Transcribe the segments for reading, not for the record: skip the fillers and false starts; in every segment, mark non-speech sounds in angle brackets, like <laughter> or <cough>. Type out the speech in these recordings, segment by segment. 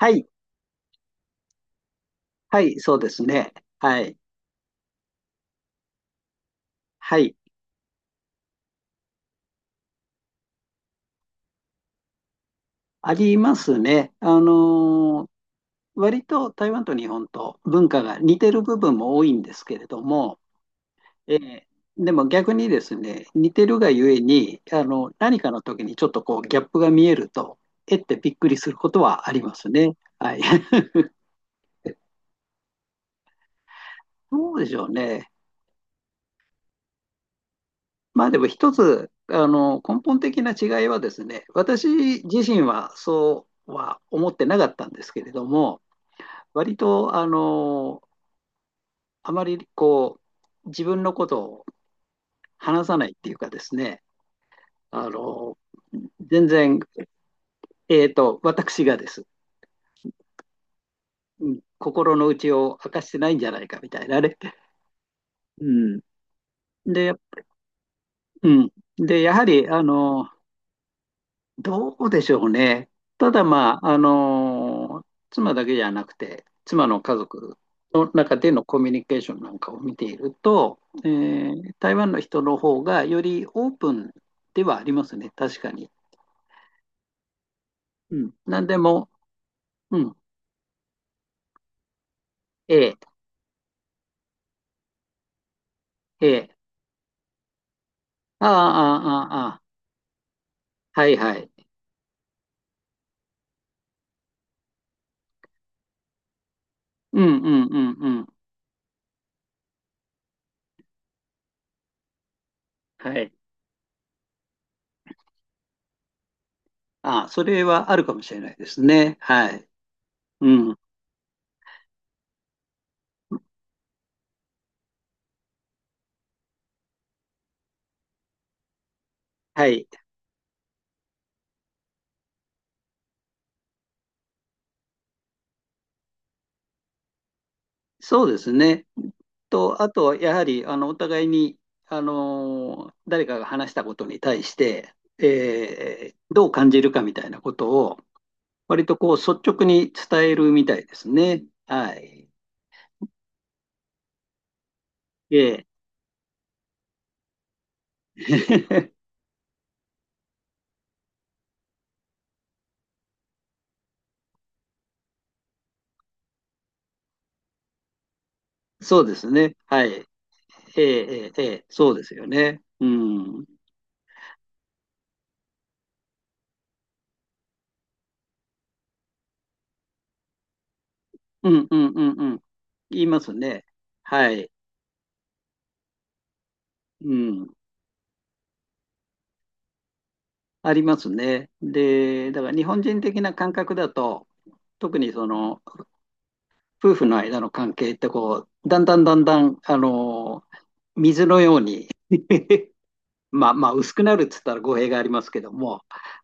はい、はい、そうですね。はい、はい、ありますね。割と台湾と日本と文化が似てる部分も多いんですけれども、えーでも逆にですね、似てるがゆえに、何かの時にちょっとこうギャップが見えると、えってびっくりすることはありますね。はい。<laughs> どうでしょうね。まあでも一つ、根本的な違いはですね、私自身はそうは思ってなかったんですけれども、割と、あまりこう、自分のことを話さないっていうかですね、あの、全然、私がです。うん、心の内を明かしてないんじゃないかみたいなね。うん。で、うん。で、やはり、どうでしょうね。ただまあ、妻だけじゃなくて、妻の家族の中でのコミュニケーションなんかを見ていると、台湾の人の方がよりオープンではありますね、確かに。うん、何でも、うん、ええ、ええ、ああ、ああ、ああ、はい、はい。うん、うん、うん、うん。はい。ああ、それはあるかもしれないですね。はい。うん、はい。そうですね。と、あとはやはり、お互いに、誰かが話したことに対して、どう感じるかみたいなことを、割とこう、率直に伝えるみたいですね。はい。ええ。 <laughs> そうですね。はい。ええ、ええ、ええ、そうですよね。うん。うん、うん、うん、うん。言いますね。はい。うん。ありますね。で、だから日本人的な感覚だと、特にその夫婦の間の関係ってこう、だんだんだんだん、水のように <laughs> まあまあ薄くなるっつったら語弊がありますけども、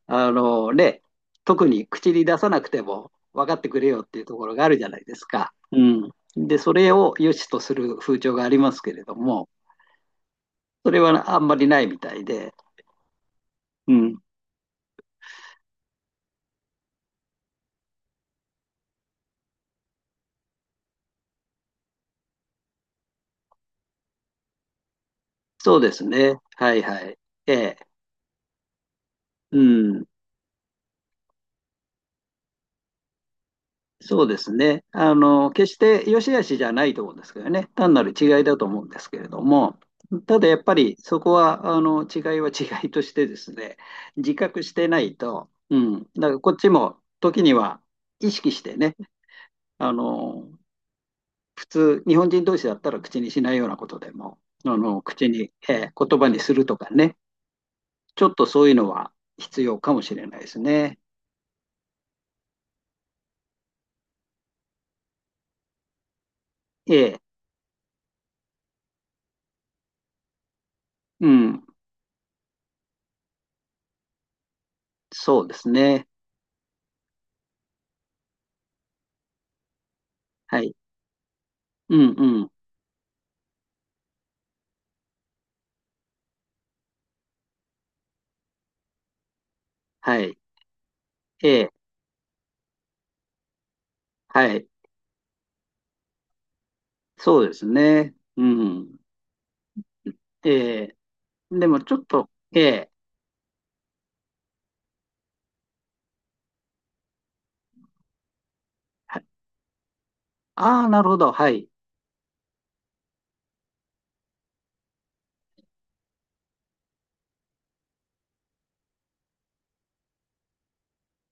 あのーね、特に口に出さなくても分かってくれよっていうところがあるじゃないですか。うん。で、それを良しとする風潮がありますけれども、それはあんまりないみたいで、うん。そうですね。はい、はい。ええ。うん。そうですね。決して良し悪しじゃないと思うんですけどね。単なる違いだと思うんですけれども、ただやっぱりそこは、違いは違いとしてですね、自覚してないと、うん。だからこっちも時には意識してね、あの、普通、日本人同士だったら口にしないようなことでも、あの、口に、言葉にするとかね、ちょっとそういうのは必要かもしれないですね。ええ、うん、そうですね。はい。うん、うん、はい。ええ、はい、そうですね。うん。ええ、でもちょっと、ええ、ああー、なるほど、はい、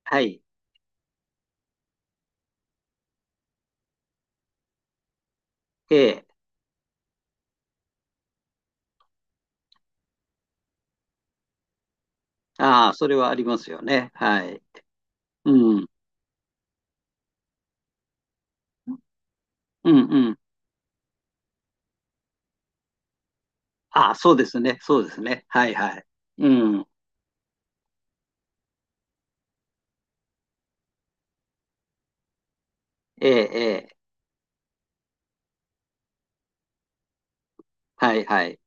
はい、ええ、ああ、それはありますよね。はい。うん、うん、うん。ああ、そうですね、そうですね。はい、はい。うん、ええ、ええ、はい、はい。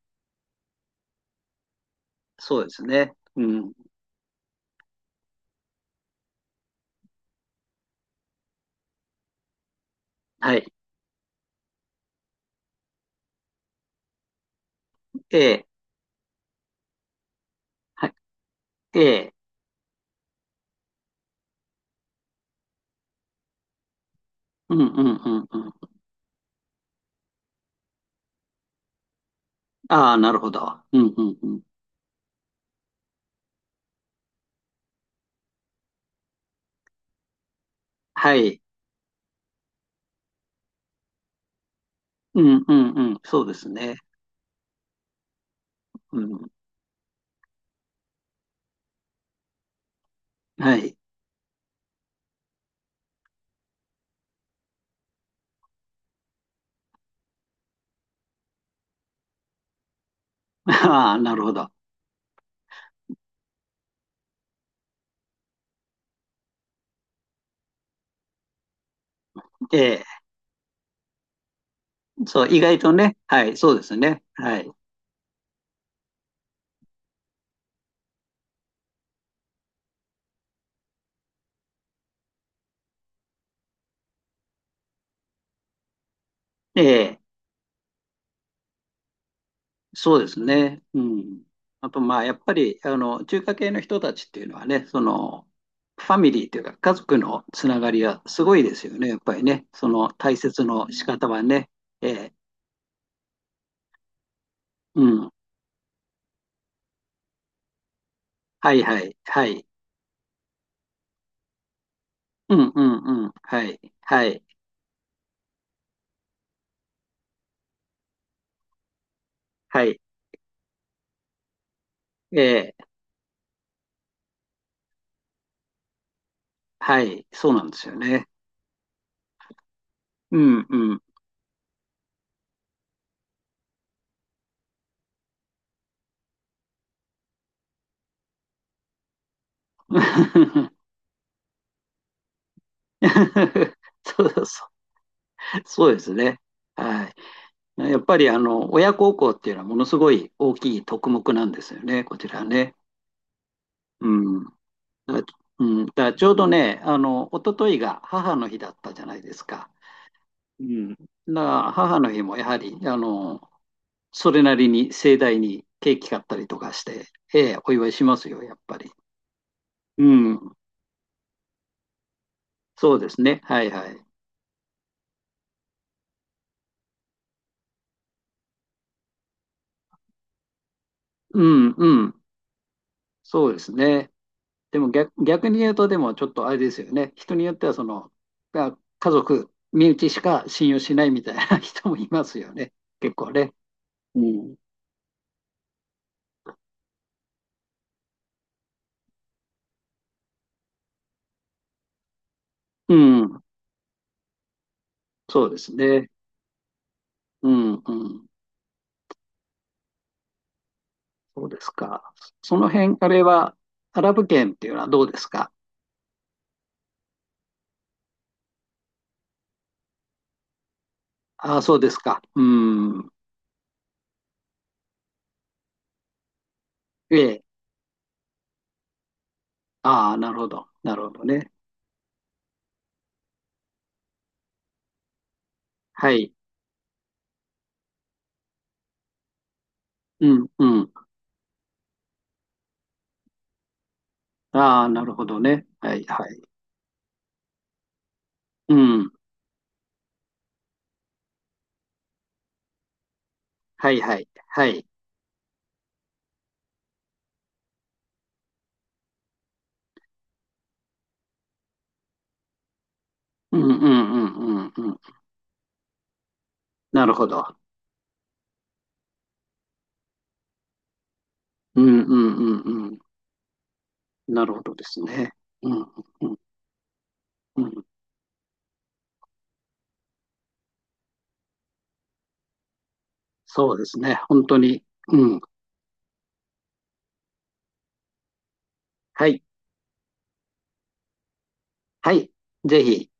そうですね。うん、はい、ええ、はい、ええ、うん、うん、うん、うん。ああ、なるほど。うん、うん、うん。はい、うん、うん、うん、そうですね。うん、はい。<laughs> ああ、なるほど。ええ、そう、意外とね、はい、そうですね。はい。ええ、そうですね。うん。あと、まあ、やっぱり、中華系の人たちっていうのはね、その、ファミリーというか、家族のつながりはすごいですよね、やっぱりね。その大切の仕方はね。ええ、うん。はい、はい、はい。うん、うん、うん。はい、はい、はい。ええ、はい、そうなんですよね。うん、うん。<laughs> そう、そう、そうですね。はい。やっぱりあの親孝行っていうのはものすごい大きい特目なんですよね、こちらね。うん。だ、うん、だからちょうどね、一昨日が母の日だったじゃないですか。うん。だから母の日もやはり、それなりに盛大にケーキ買ったりとかして、ええ、お祝いしますよ、やっぱり。うん。そうですね。はい、はい。うん、うん。そうですね。でも逆、逆に言うと、でもちょっとあれですよね。人によっては、その、が家族、身内しか信用しないみたいな <laughs> 人もいますよね。結構ね。うん。うん。そうですね。うん、うん。そうですか。その辺、あれは、アラブ圏っていうのはどうですか？ああ、そうですか。うん。ええ。ああ、なるほど。なるほどね。はい。うん、うん。ああ、なるほどね。はい、はい。うん。はい、はい。はい。うん、うん、うん、うん、うん。なるほど。うん、うん、うん、うん。なるほどですね。うん、うん、うん、うん。そうですね。本当に。うん。はい。はい。ぜひ。